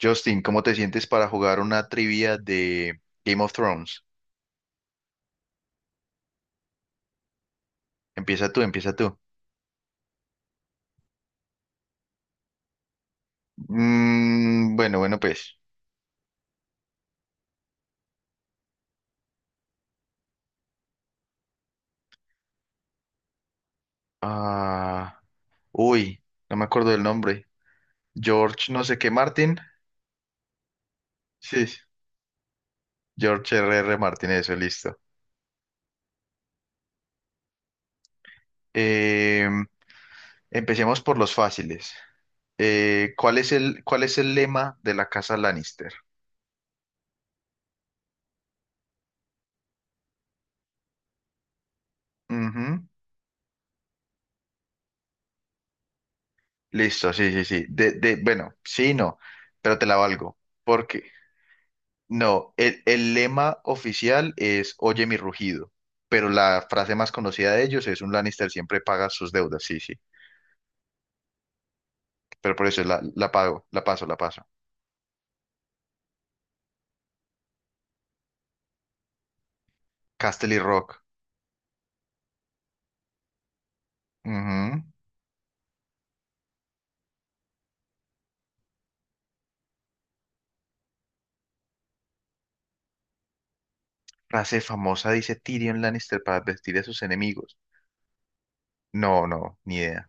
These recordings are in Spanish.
Justin, ¿cómo te sientes para jugar una trivia de Game of Thrones? Empieza tú, empieza tú. Bueno, bueno, pues. Ah, uy, no me acuerdo del nombre. George, no sé qué, Martin. Sí, sí, George R. R. Martin, eso, listo. Eh, empecemos por los fáciles. ¿Cuál es el lema de la casa Lannister? Ujú. Listo, sí, sí, sí. Bueno, sí, y no, pero te la valgo. Porque no, el lema oficial es Oye mi rugido, pero la frase más conocida de ellos es un Lannister siempre paga sus deudas, sí, sí, pero por eso la pago, la paso. Casterly Rock, ujú. Frase famosa dice Tyrion Lannister para advertir a sus enemigos. No, no, ni idea.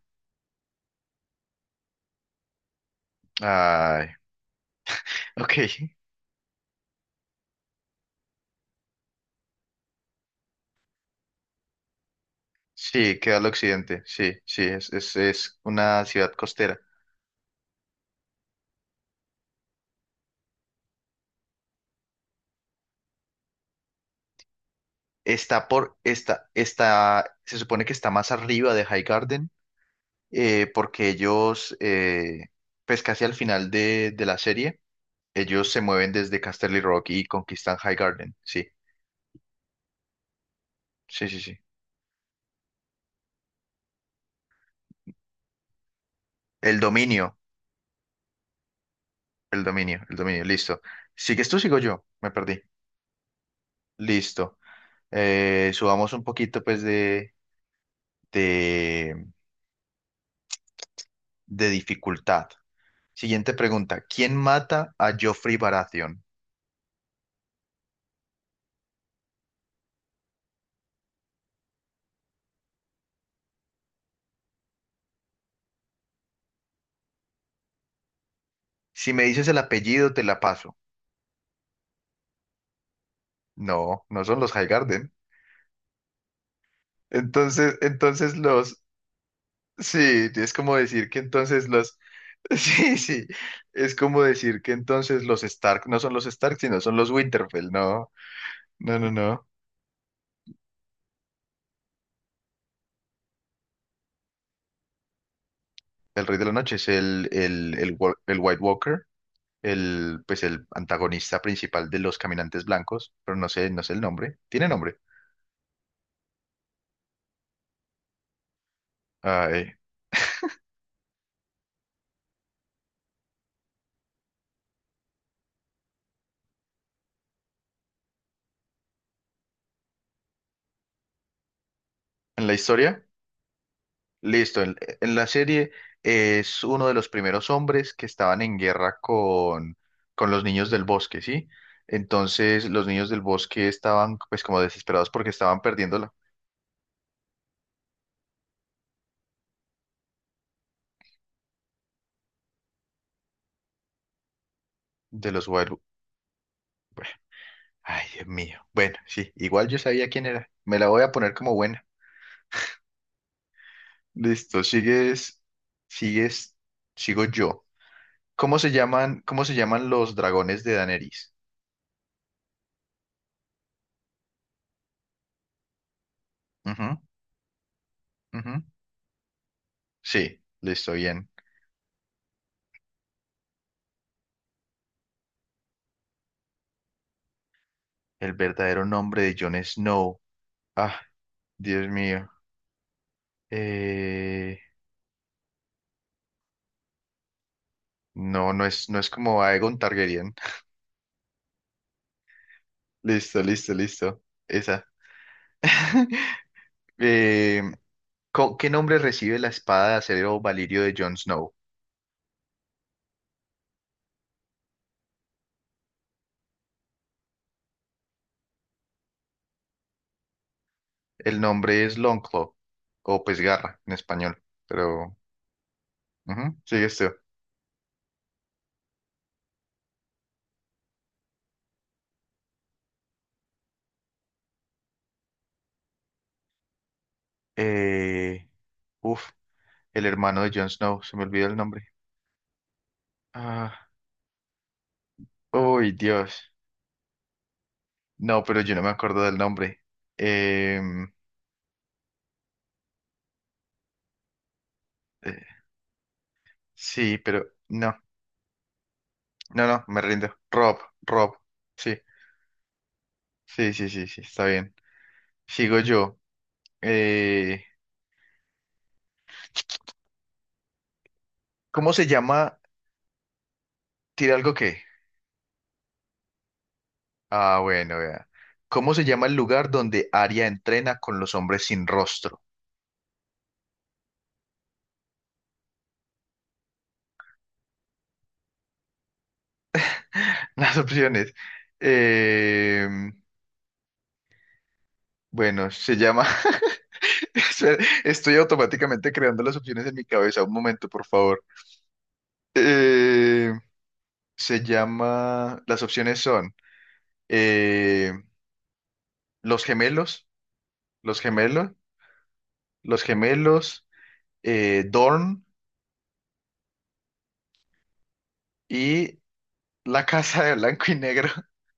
Ay, ok, sí, queda al occidente, sí, sí, es una ciudad costera. Está, se supone que está más arriba de Highgarden, porque ellos, pues casi al final de la serie, ellos se mueven desde Casterly Rock y conquistan High Garden. Sí, sí, sí, sí. El dominio, el dominio, listo. ¿Sigues tú, sigo yo? Me perdí. Listo. Subamos un poquito, pues, de, de dificultad. Siguiente pregunta. ¿Quién mata a Joffrey Baratheon? Si me dices el apellido, te la paso. No, no son los High Garden. Entonces los... Sí, es como decir que entonces los... Sí, sí, es como decir que entonces los Stark no son los Stark, sino son los Winterfell, no, no, no, no. El Rey de la Noche es el White Walker, el, pues el antagonista principal de los Caminantes Blancos, pero no sé, no sé el nombre. ¿Tiene nombre? Ay, en la historia. Listo, en la serie es uno de los primeros hombres que estaban en guerra con los niños del bosque, ¿sí? Entonces los niños del bosque estaban pues como desesperados porque estaban perdiendo la- de los Wild... Bueno, ay, Dios mío. Bueno, sí, igual yo sabía quién era. Me la voy a poner como buena. Listo, sigues, sigo yo. Cómo se llaman los dragones de Daenerys? Ujú, ujú. Sí, listo, bien. El verdadero nombre de Jon Snow. Ah, Dios mío. Eh, no, no es, no es como Aegon Targaryen. Listo, listo, listo. Esa. Eh, ¿qué nombre recibe la espada de acero Valirio de Jon Snow? El nombre es Longclaw, o pues garra en español, pero ujú, sigue esto. Eh, uf, el hermano de Jon Snow, se me olvidó el nombre. Ah, uy, Dios. No, pero yo no me acuerdo del nombre. Em, eh, sí, pero no. No, no, me rindo. Rob, Rob. Sí, sí, sí, sí, sí, está bien. Sigo yo. Eh, ¿Cómo se llama? ¿Tira algo qué? Ah, bueno, vea. ¿Cómo se llama el lugar donde Aria entrena con los hombres sin rostro? Las opciones. Eh, bueno, se llama. Espera, estoy automáticamente creando las opciones en mi cabeza. Un momento, por favor. Eh, se llama. Las opciones son eh, los gemelos, los gemelos. Los Gemelos, Dorn y La Casa de Blanco y Negro.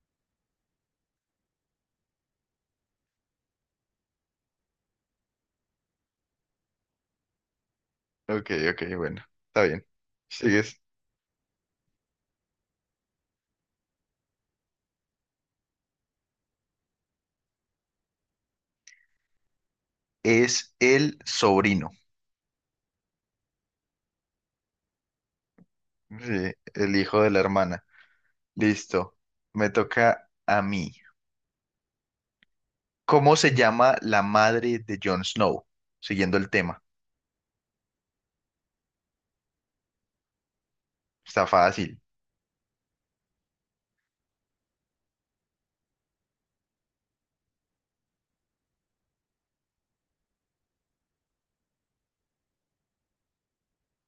Ok, ok, bueno, está bien. Sigues. Es el sobrino, sí, el hijo de la hermana. Listo, me toca a mí. ¿Cómo se llama la madre de Jon Snow? Siguiendo el tema. Está fácil,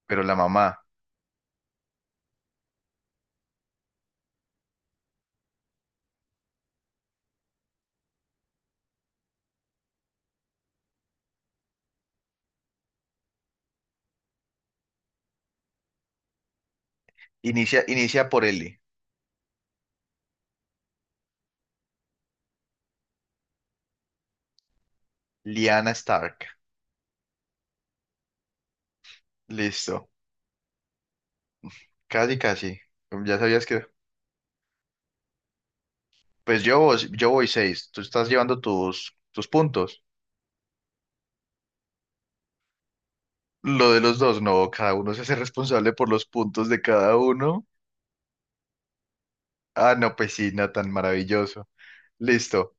pero la mamá. Inicia por L. Lyanna Stark. Listo, casi, casi. Ya sabías que... Pues yo, yo voy seis. Tú estás llevando tus puntos. Lo de los dos, no, cada uno se hace responsable por los puntos de cada uno. Ah, no, pues sí, no, tan maravilloso. Listo,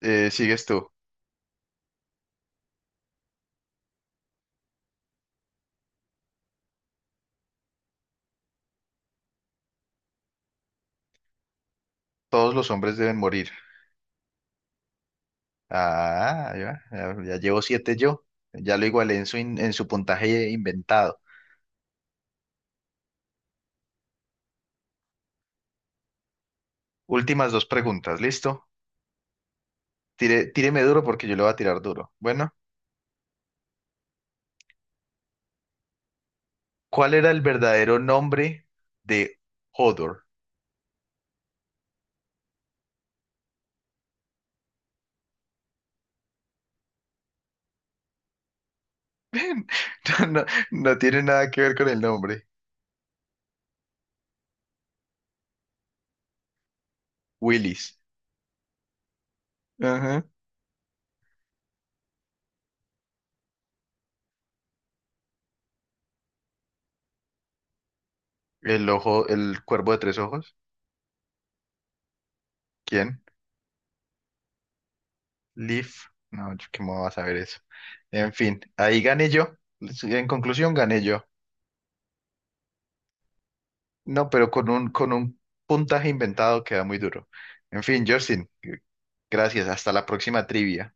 sigues tú. Todos los hombres deben morir. Ah, ahí va, ya llevo siete yo. Ya lo igualé en su, en su puntaje inventado. Últimas dos preguntas, ¿listo? Tíreme duro porque yo le voy a tirar duro. Bueno, ¿cuál era el verdadero nombre de Hodor? No, no no tiene nada que ver con el nombre. Willis. Ajá. El ojo, el cuervo de tres ojos. ¿Quién? Leaf. No, yo ¿cómo vas a ver eso? En fin, ahí gané yo. Sí, en conclusión, gané yo. No, pero con un puntaje inventado queda muy duro. En fin, Justin, gracias. Hasta la próxima trivia.